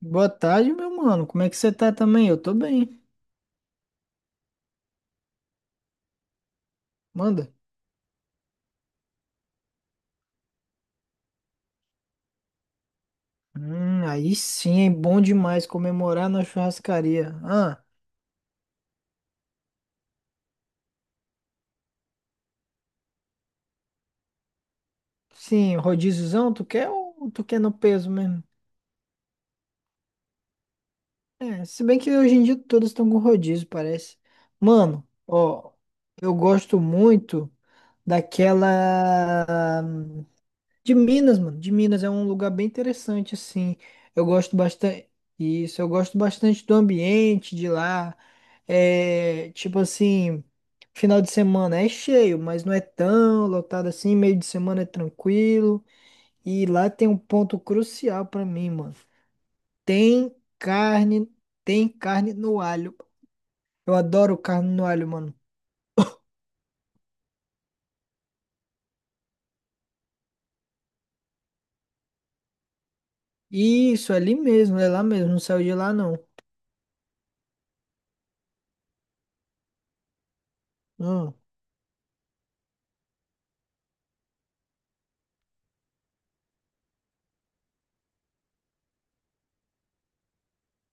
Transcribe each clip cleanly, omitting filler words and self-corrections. Boa tarde, meu mano. Como é que você tá também? Eu tô bem. Manda. Aí sim, é bom demais comemorar na churrascaria. Ah, sim, rodíziozão, tu quer ou tu quer no peso mesmo? É, se bem que hoje em dia todos estão com rodízio, parece. Mano, ó, eu gosto muito daquela de Minas, mano. De Minas é um lugar bem interessante, assim. Eu gosto bastante. Isso, eu gosto bastante do ambiente de lá. É, tipo assim, final de semana é cheio, mas não é tão lotado assim, meio de semana é tranquilo. E lá tem um ponto crucial pra mim, mano. Tem carne, tem carne no alho. Eu adoro carne no alho, mano. Isso, ali mesmo, é lá mesmo, não saiu de lá não. Hum,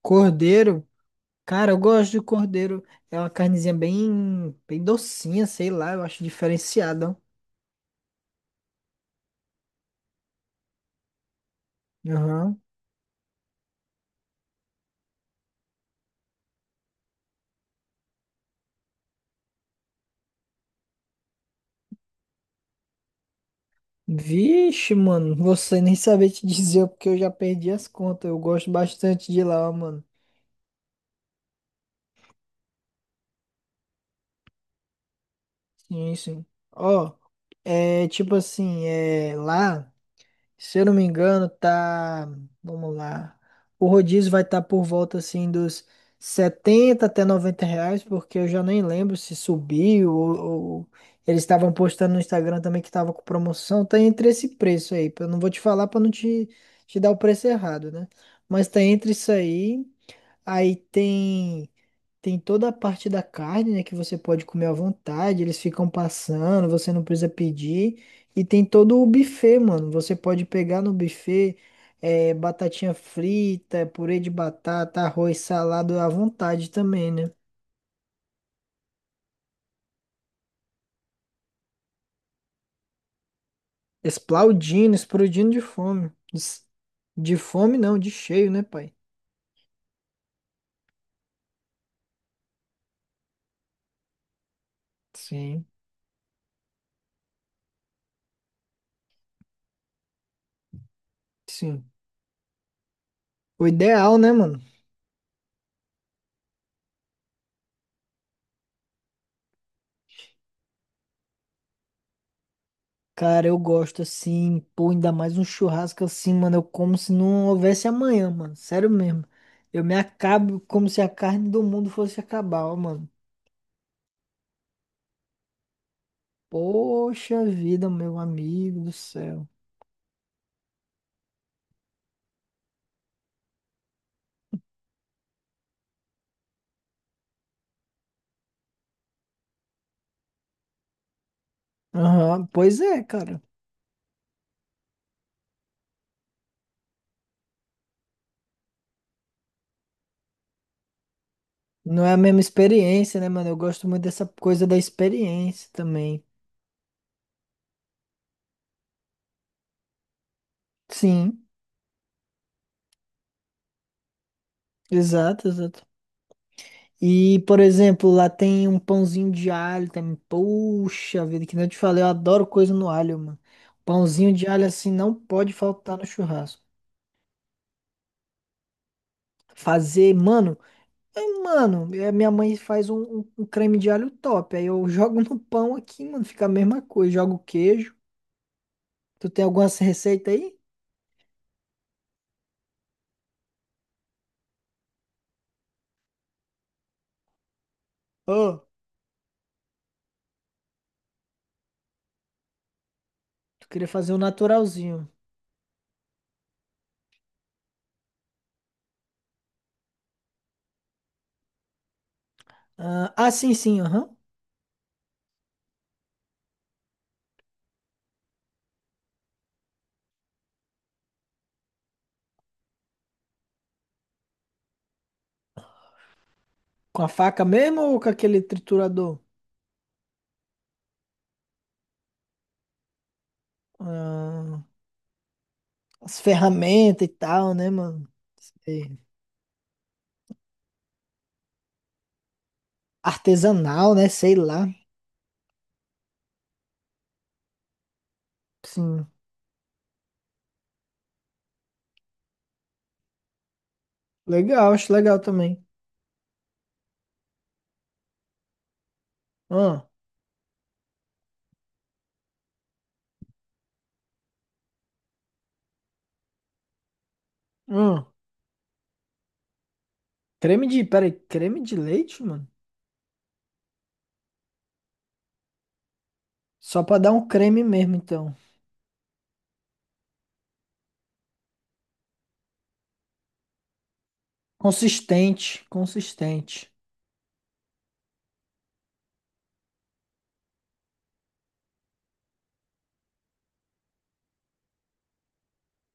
Cordeiro, cara, eu gosto de cordeiro. É uma carnezinha bem, bem docinha, sei lá, eu acho diferenciada, ó. Aham. Vixe, mano, você nem saber te dizer porque eu já perdi as contas. Eu gosto bastante de lá, ó, mano. Sim, sim. Ó, é tipo assim, é lá, se eu não me engano, tá. Vamos lá. O rodízio vai estar por volta assim dos 70 até 90 reais, porque eu já nem lembro se subiu ou eles estavam postando no Instagram também que tava com promoção. Tá entre esse preço aí. Eu não vou te falar pra não te, te dar o preço errado, né? Mas tá entre isso aí. Aí tem toda a parte da carne, né, que você pode comer à vontade, eles ficam passando, você não precisa pedir. E tem todo o buffet, mano. Você pode pegar no buffet é, batatinha frita, purê de batata, arroz, salado à vontade também, né? Explodindo, explodindo de fome. De fome não, de cheio, né, pai? Sim, sim. O ideal, né, mano? Cara, eu gosto assim, pô, ainda mais um churrasco assim, mano. Eu como se não houvesse amanhã, mano. Sério mesmo. Eu me acabo como se a carne do mundo fosse acabar, ó, mano. Poxa vida, meu amigo do céu. Aham, pois é, cara. Não é a mesma experiência, né, mano? Eu gosto muito dessa coisa da experiência também. Sim, exato, exato. E, por exemplo, lá tem um pãozinho de alho também. Puxa vida, que nem eu te falei, eu adoro coisa no alho, mano. Pãozinho de alho assim não pode faltar no churrasco. Fazer, mano, é, minha mãe faz um creme de alho top. Aí eu jogo no pão aqui, mano, fica a mesma coisa. Jogo queijo. Tu tem alguma receita aí? Ô, tu queria fazer um naturalzinho. Ah, ah, sim, sim, aham. Com a faca mesmo ou com aquele triturador? Ah, as ferramentas e tal, né, mano? Sei. Artesanal, né? Sei lá. Sim. Legal, acho legal também. Ah, ah. Creme de. Peraí, creme de leite, mano? Só pra dar um creme mesmo, então. Consistente, consistente.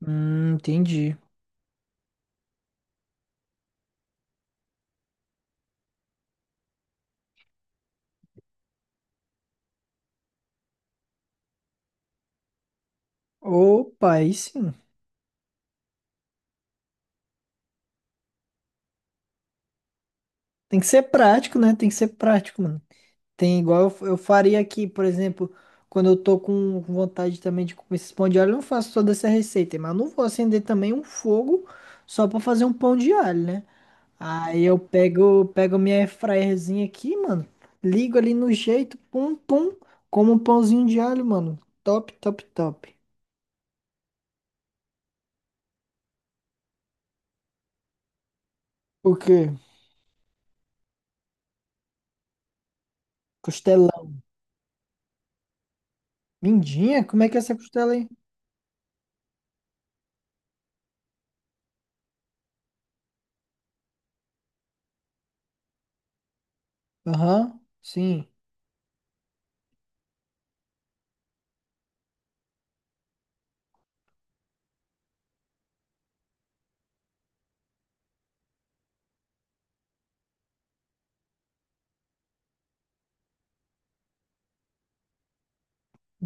Entendi. Opa, aí sim. Tem que ser prático, né? Tem que ser prático, mano. Tem igual eu faria aqui, por exemplo, quando eu tô com vontade também de comer esses pão de alho, eu não faço toda essa receita, mas eu não vou acender também um fogo só pra fazer um pão de alho, né? Aí eu pego, pego minha airfryerzinha aqui, mano, ligo ali no jeito, pum, pum, como um pãozinho de alho, mano. Top, top, top. O quê? Costelão. Mindinha? Como é que é essa costela aí? Aham, sim.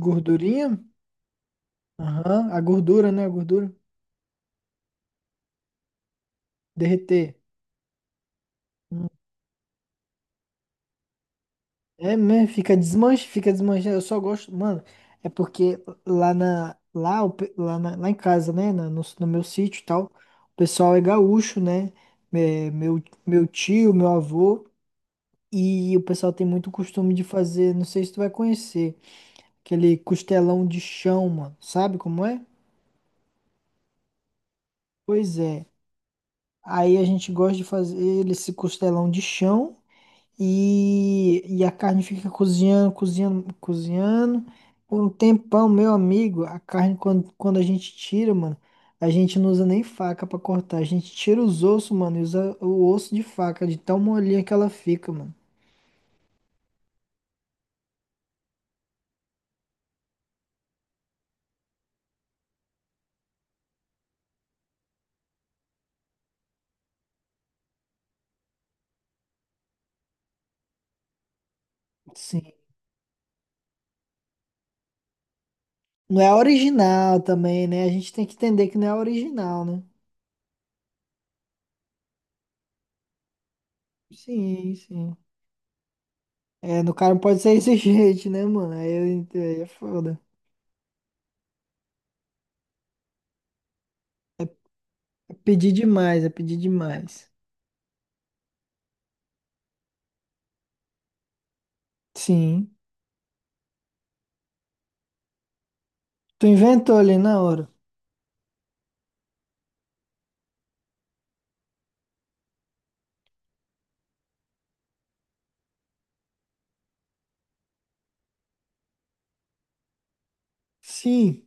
Gordurinha? Aham, a gordura, né? A gordura. Derreter. É, né? Fica desmanche, fica desmanche. Eu só gosto, mano. É porque lá na, lá, o pe- lá, na- lá em casa, né, na- no, no meu sítio e tal, o pessoal é gaúcho, né? É, meu tio, meu avô, e o pessoal tem muito costume de fazer, não sei se tu vai conhecer, aquele costelão de chão, mano. Sabe como é? Pois é. Aí a gente gosta de fazer esse costelão de chão. E a carne fica cozinhando, cozinhando, cozinhando. Por um tempão, meu amigo, a carne, quando a gente tira, mano, a gente não usa nem faca pra cortar. A gente tira os ossos, mano, e usa o osso de faca, de tão molinha que ela fica, mano. Sim. Não é original também, né? A gente tem que entender que não é original, né? Sim, sim. É, no cara não pode ser exigente, né, mano? Aí, aí é foda. É pedir demais, é pedir demais. Sim. Tu inventou ali na hora. Sim.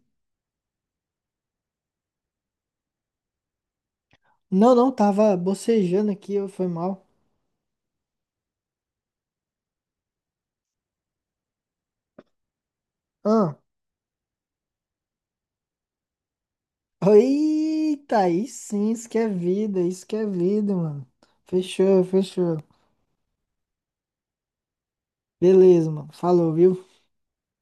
Não, não, tava bocejando aqui, foi mal. Ah. Eita, aí sim, isso que é vida, isso que é vida, mano. Fechou, fechou. Beleza, mano. Falou, viu?